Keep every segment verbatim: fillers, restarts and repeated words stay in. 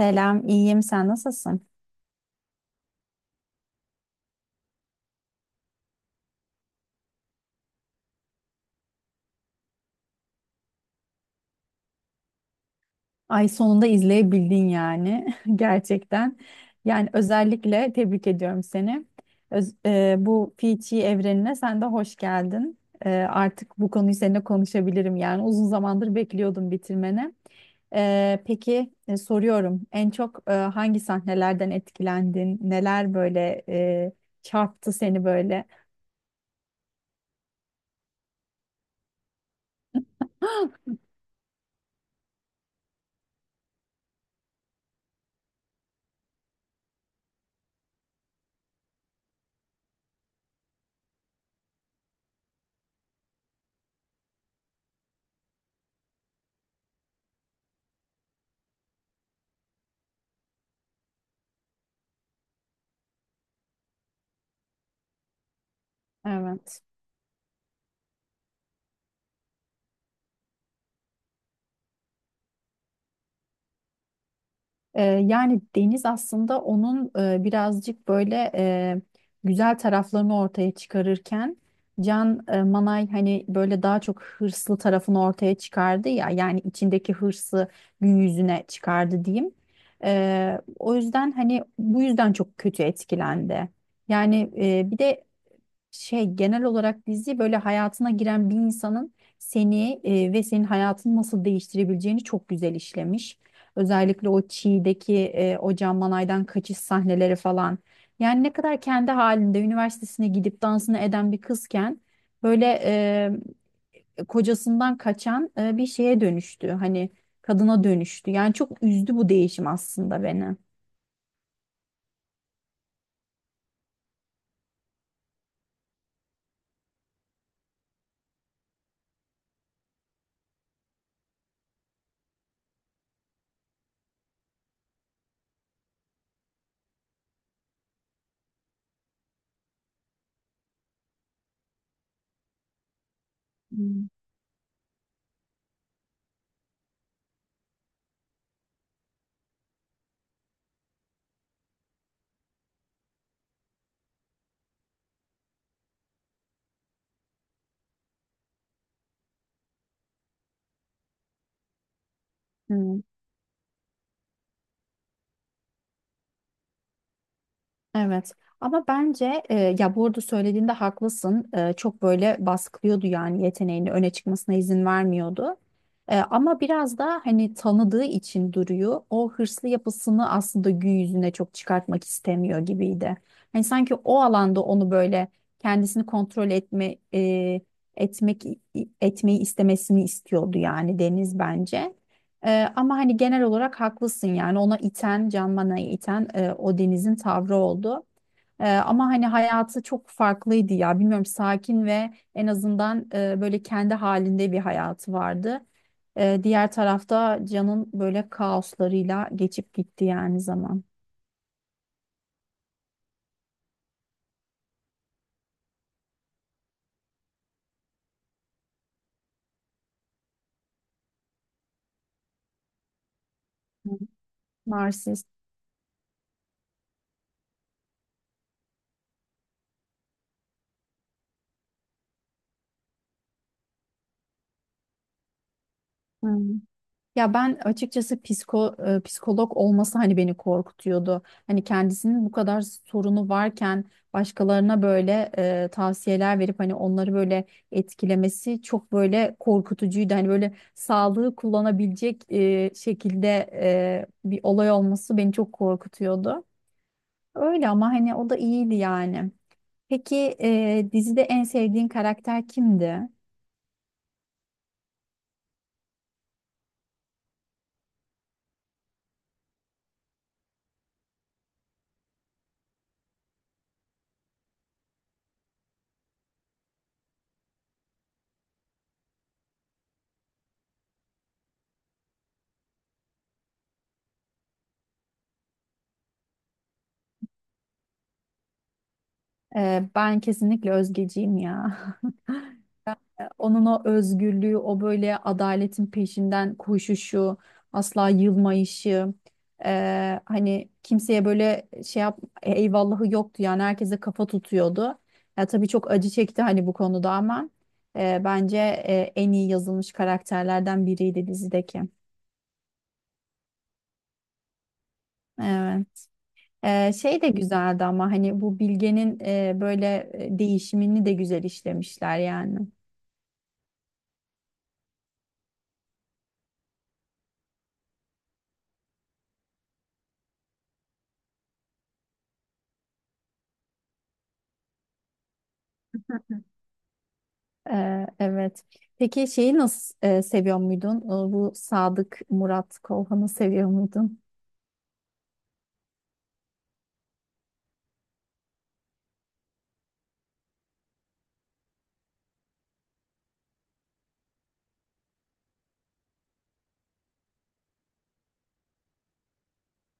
Selam, iyiyim. Sen nasılsın? Ay sonunda izleyebildin yani gerçekten. Yani özellikle tebrik ediyorum seni. Öz- e, bu Fiji evrenine sen de hoş geldin. E, artık bu konuyu seninle konuşabilirim yani uzun zamandır bekliyordum bitirmeni. E, peki, e, soruyorum en çok, e, hangi sahnelerden etkilendin? Neler böyle e, çarptı seni böyle? Evet. Ee, yani Deniz aslında onun e, birazcık böyle e, güzel taraflarını ortaya çıkarırken Can e, Manay hani böyle daha çok hırslı tarafını ortaya çıkardı ya, yani içindeki hırsı gün yüzüne çıkardı diyeyim. Ee, o yüzden hani bu yüzden çok kötü etkilendi. Yani e, bir de şey, genel olarak dizi böyle hayatına giren bir insanın seni e, ve senin hayatını nasıl değiştirebileceğini çok güzel işlemiş. Özellikle o Çiğ'deki e, o Can Manay'dan kaçış sahneleri falan. Yani ne kadar kendi halinde üniversitesine gidip dansını eden bir kızken böyle e, kocasından kaçan e, bir şeye dönüştü. Hani kadına dönüştü. Yani çok üzdü bu değişim aslında beni. Hmm. Hmm. Evet, ama bence e, ya bu arada söylediğinde haklısın. E, çok böyle baskılıyordu yani yeteneğini öne çıkmasına izin vermiyordu. E, ama biraz da hani tanıdığı için duruyor o hırslı yapısını, aslında gün yüzüne çok çıkartmak istemiyor gibiydi. Hani sanki o alanda onu böyle kendisini kontrol etme e, etmek etmeyi istemesini istiyordu yani Deniz bence. Ee, ama hani genel olarak haklısın yani ona iten, Can Mana'yı iten e, o Deniz'in tavrı oldu. Ee, ama hani hayatı çok farklıydı ya, bilmiyorum, sakin ve en azından e, böyle kendi halinde bir hayatı vardı. Ee, diğer tarafta Can'ın böyle kaoslarıyla geçip gitti yani zaman. Hı. Narsist. Hı. Ya ben açıkçası psiko, e, psikolog olması hani beni korkutuyordu. Hani kendisinin bu kadar sorunu varken başkalarına böyle e, tavsiyeler verip hani onları böyle etkilemesi çok böyle korkutucuydu. Hani böyle sağlığı kullanabilecek e, şekilde e, bir olay olması beni çok korkutuyordu. Öyle ama hani o da iyiydi yani. Peki, e, dizide en sevdiğin karakter kimdi? E, ben kesinlikle Özgeciğim ya. Onun o özgürlüğü, o böyle adaletin peşinden koşuşu, asla yılmayışı, eee, hani kimseye böyle şey yap, eyvallahı yoktu yani herkese kafa tutuyordu. Ya tabii çok acı çekti hani bu konuda, ama eee, bence eee, en iyi yazılmış karakterlerden biriydi dizideki. Evet. Ee, şey de güzeldi ama hani bu Bilge'nin e, böyle e, değişimini de güzel işlemişler yani. Ee, evet. Peki şeyi nasıl e, seviyor muydun? Ee, Bu Sadık Murat Kolhan'ı seviyor muydun?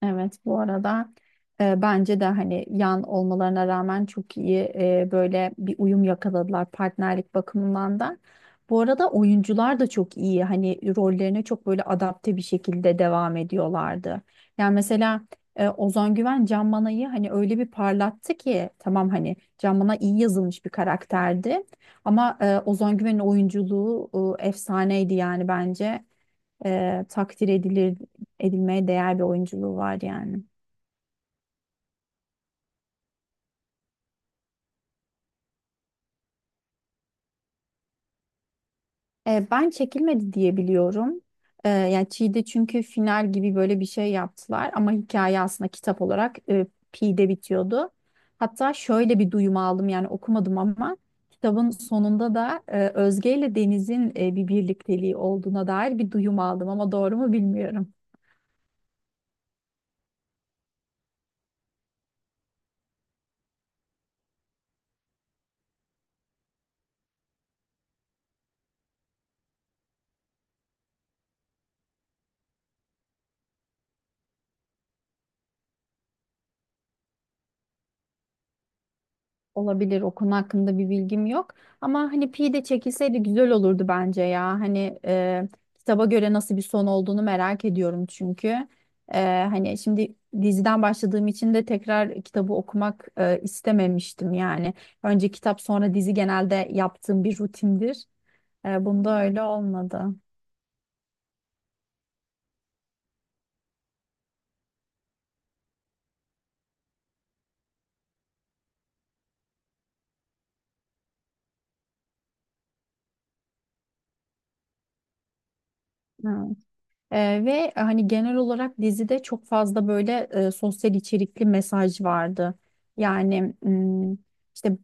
Evet, bu arada e, bence de hani yan olmalarına rağmen çok iyi e, böyle bir uyum yakaladılar partnerlik bakımından da. Bu arada oyuncular da çok iyi hani rollerine çok böyle adapte bir şekilde devam ediyorlardı. Yani mesela e, Ozan Güven Can Manay'ı hani öyle bir parlattı ki, tamam hani Can Manay iyi yazılmış bir karakterdi. Ama e, Ozan Güven'in oyunculuğu e, efsaneydi yani bence e, takdir edilir edilmeye değer bir oyunculuğu var yani. E, ben çekilmedi diye biliyorum. E, yani Çiğ'de çünkü final gibi böyle bir şey yaptılar, ama hikaye aslında kitap olarak e, Pi'de bitiyordu. Hatta şöyle bir duyum aldım, yani okumadım ama kitabın sonunda da e, Özge ile Deniz'in e, bir birlikteliği olduğuna dair bir duyum aldım, ama doğru mu bilmiyorum. Olabilir, o konu hakkında bir bilgim yok ama hani Pi de çekilseydi güzel olurdu bence ya, hani e, kitaba göre nasıl bir son olduğunu merak ediyorum çünkü. E, Hani şimdi diziden başladığım için de tekrar kitabı okumak e, istememiştim yani, önce kitap sonra dizi genelde yaptığım bir rutindir. E, bunda öyle olmadı. Ha. E, ve hani genel olarak dizide çok fazla böyle e, sosyal içerikli mesaj vardı yani. hmm, işte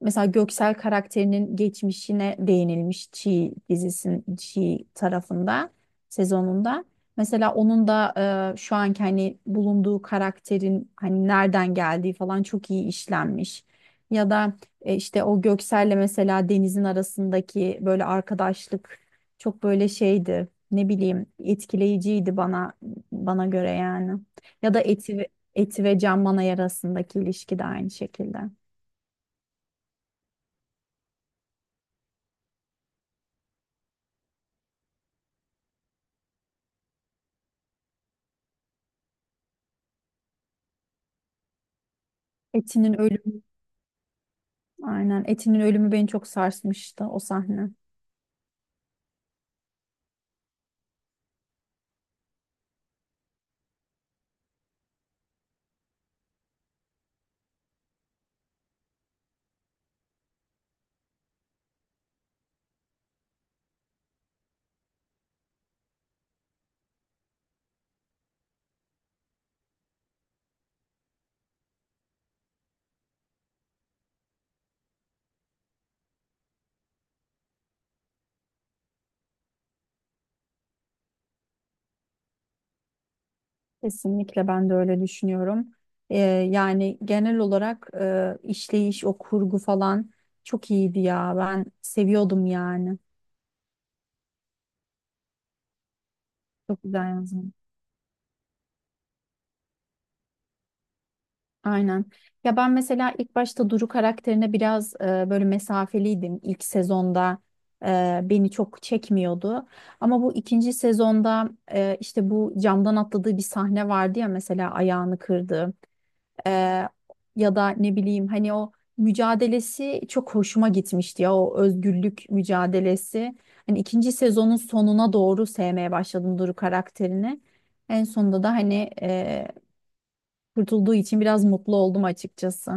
mesela Göksel karakterinin geçmişine değinilmiş Çiğ dizisinin Çiğ tarafında sezonunda. Mesela onun da e, şu anki hani bulunduğu karakterin hani nereden geldiği falan çok iyi işlenmiş. Ya da e, işte o Göksel'le mesela Deniz'in arasındaki böyle arkadaşlık çok böyle şeydi. Ne bileyim, etkileyiciydi bana bana göre yani. Ya da Eti ve, Eti ve Can Manay arasındaki ilişki de aynı şekilde. Etinin ölümü, aynen, Etinin ölümü beni çok sarsmıştı o sahne. Kesinlikle ben de öyle düşünüyorum. Ee, Yani genel olarak e, işleyiş, o kurgu falan çok iyiydi ya. Ben seviyordum yani. Çok güzel yazmış. Aynen. Ya ben mesela ilk başta Duru karakterine biraz e, böyle mesafeliydim. İlk sezonda e, beni çok çekmiyordu. Ama bu ikinci sezonda e, işte bu camdan atladığı bir sahne vardı ya, mesela ayağını kırdı. E, Ya da ne bileyim hani o mücadelesi çok hoşuma gitmişti ya, o özgürlük mücadelesi. Hani ikinci sezonun sonuna doğru sevmeye başladım Duru karakterini. En sonunda da hani kurtulduğu için biraz mutlu oldum açıkçası.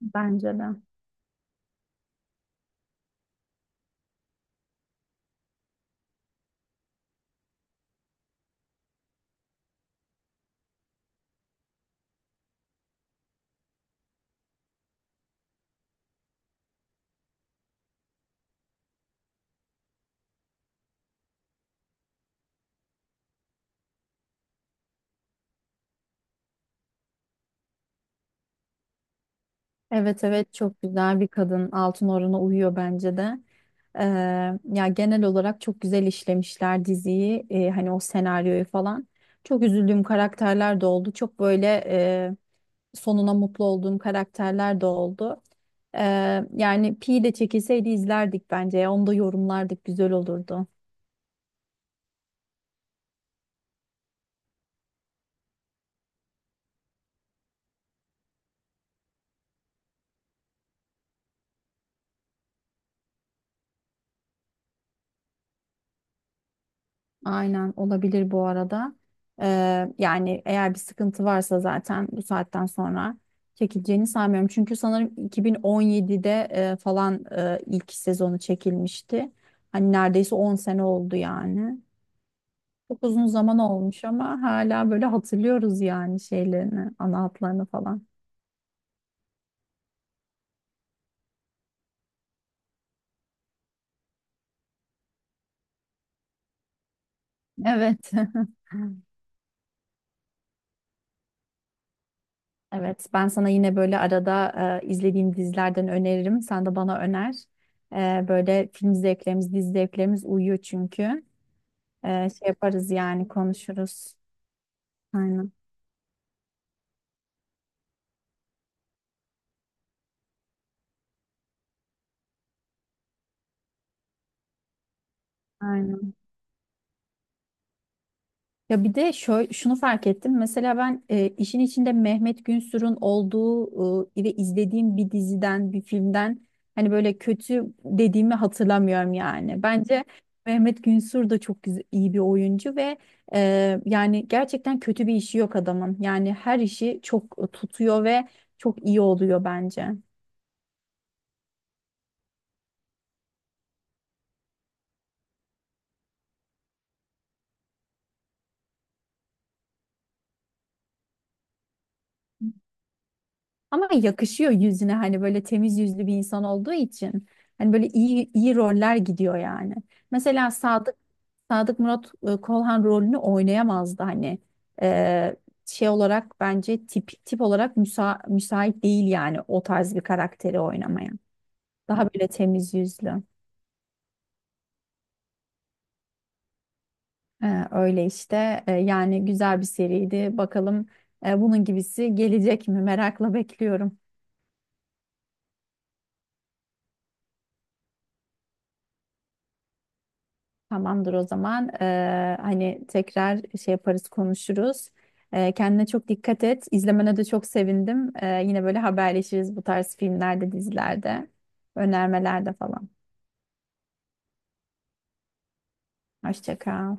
Bence de. Evet evet, çok güzel bir kadın. Altın orana uyuyor bence de. Ee, Ya genel olarak çok güzel işlemişler diziyi. Ee, hani o senaryoyu falan. Çok üzüldüğüm karakterler de oldu. Çok böyle e, sonuna mutlu olduğum karakterler de oldu. Ee, yani Pi de çekilseydi izlerdik bence ya. Onu da yorumlardık. Güzel olurdu. Aynen, olabilir bu arada. Ee, yani eğer bir sıkıntı varsa zaten bu saatten sonra çekileceğini sanmıyorum. Çünkü sanırım iki bin on yedide e, falan e, ilk sezonu çekilmişti. Hani neredeyse on sene oldu yani. Çok uzun zaman olmuş ama hala böyle hatırlıyoruz yani şeylerini, ana hatlarını falan. Evet. Evet, ben sana yine böyle arada e, izlediğim dizilerden öneririm. Sen de bana öner. E, böyle film zevklerimiz, dizi zevklerimiz uyuyor çünkü. E, şey yaparız yani konuşuruz. Aynen, aynen. Ya bir de şöyle, şunu fark ettim. Mesela ben e, işin içinde Mehmet Günsür'ün olduğu e, ve izlediğim bir diziden, bir filmden hani böyle kötü dediğimi hatırlamıyorum yani. Bence Mehmet Günsür de çok güzel, iyi bir oyuncu ve e, yani gerçekten kötü bir işi yok adamın. Yani her işi çok e, tutuyor ve çok iyi oluyor bence. Ama yakışıyor yüzüne hani böyle temiz yüzlü bir insan olduğu için. Hani böyle iyi iyi roller gidiyor yani. Mesela Sadık Sadık Murat e, Kolhan rolünü oynayamazdı hani. Ee, Şey olarak bence tip tip olarak müsa müsait değil yani o tarz bir karakteri oynamaya. Daha böyle temiz yüzlü. Ee, öyle işte. Ee, yani güzel bir seriydi. Bakalım e, bunun gibisi gelecek mi? Merakla bekliyorum. Tamamdır o zaman. Ee, hani tekrar şey yaparız, konuşuruz. Ee, kendine çok dikkat et. İzlemene de çok sevindim. Ee, yine böyle haberleşiriz bu tarz filmlerde, dizilerde, önermelerde falan. Hoşça kal.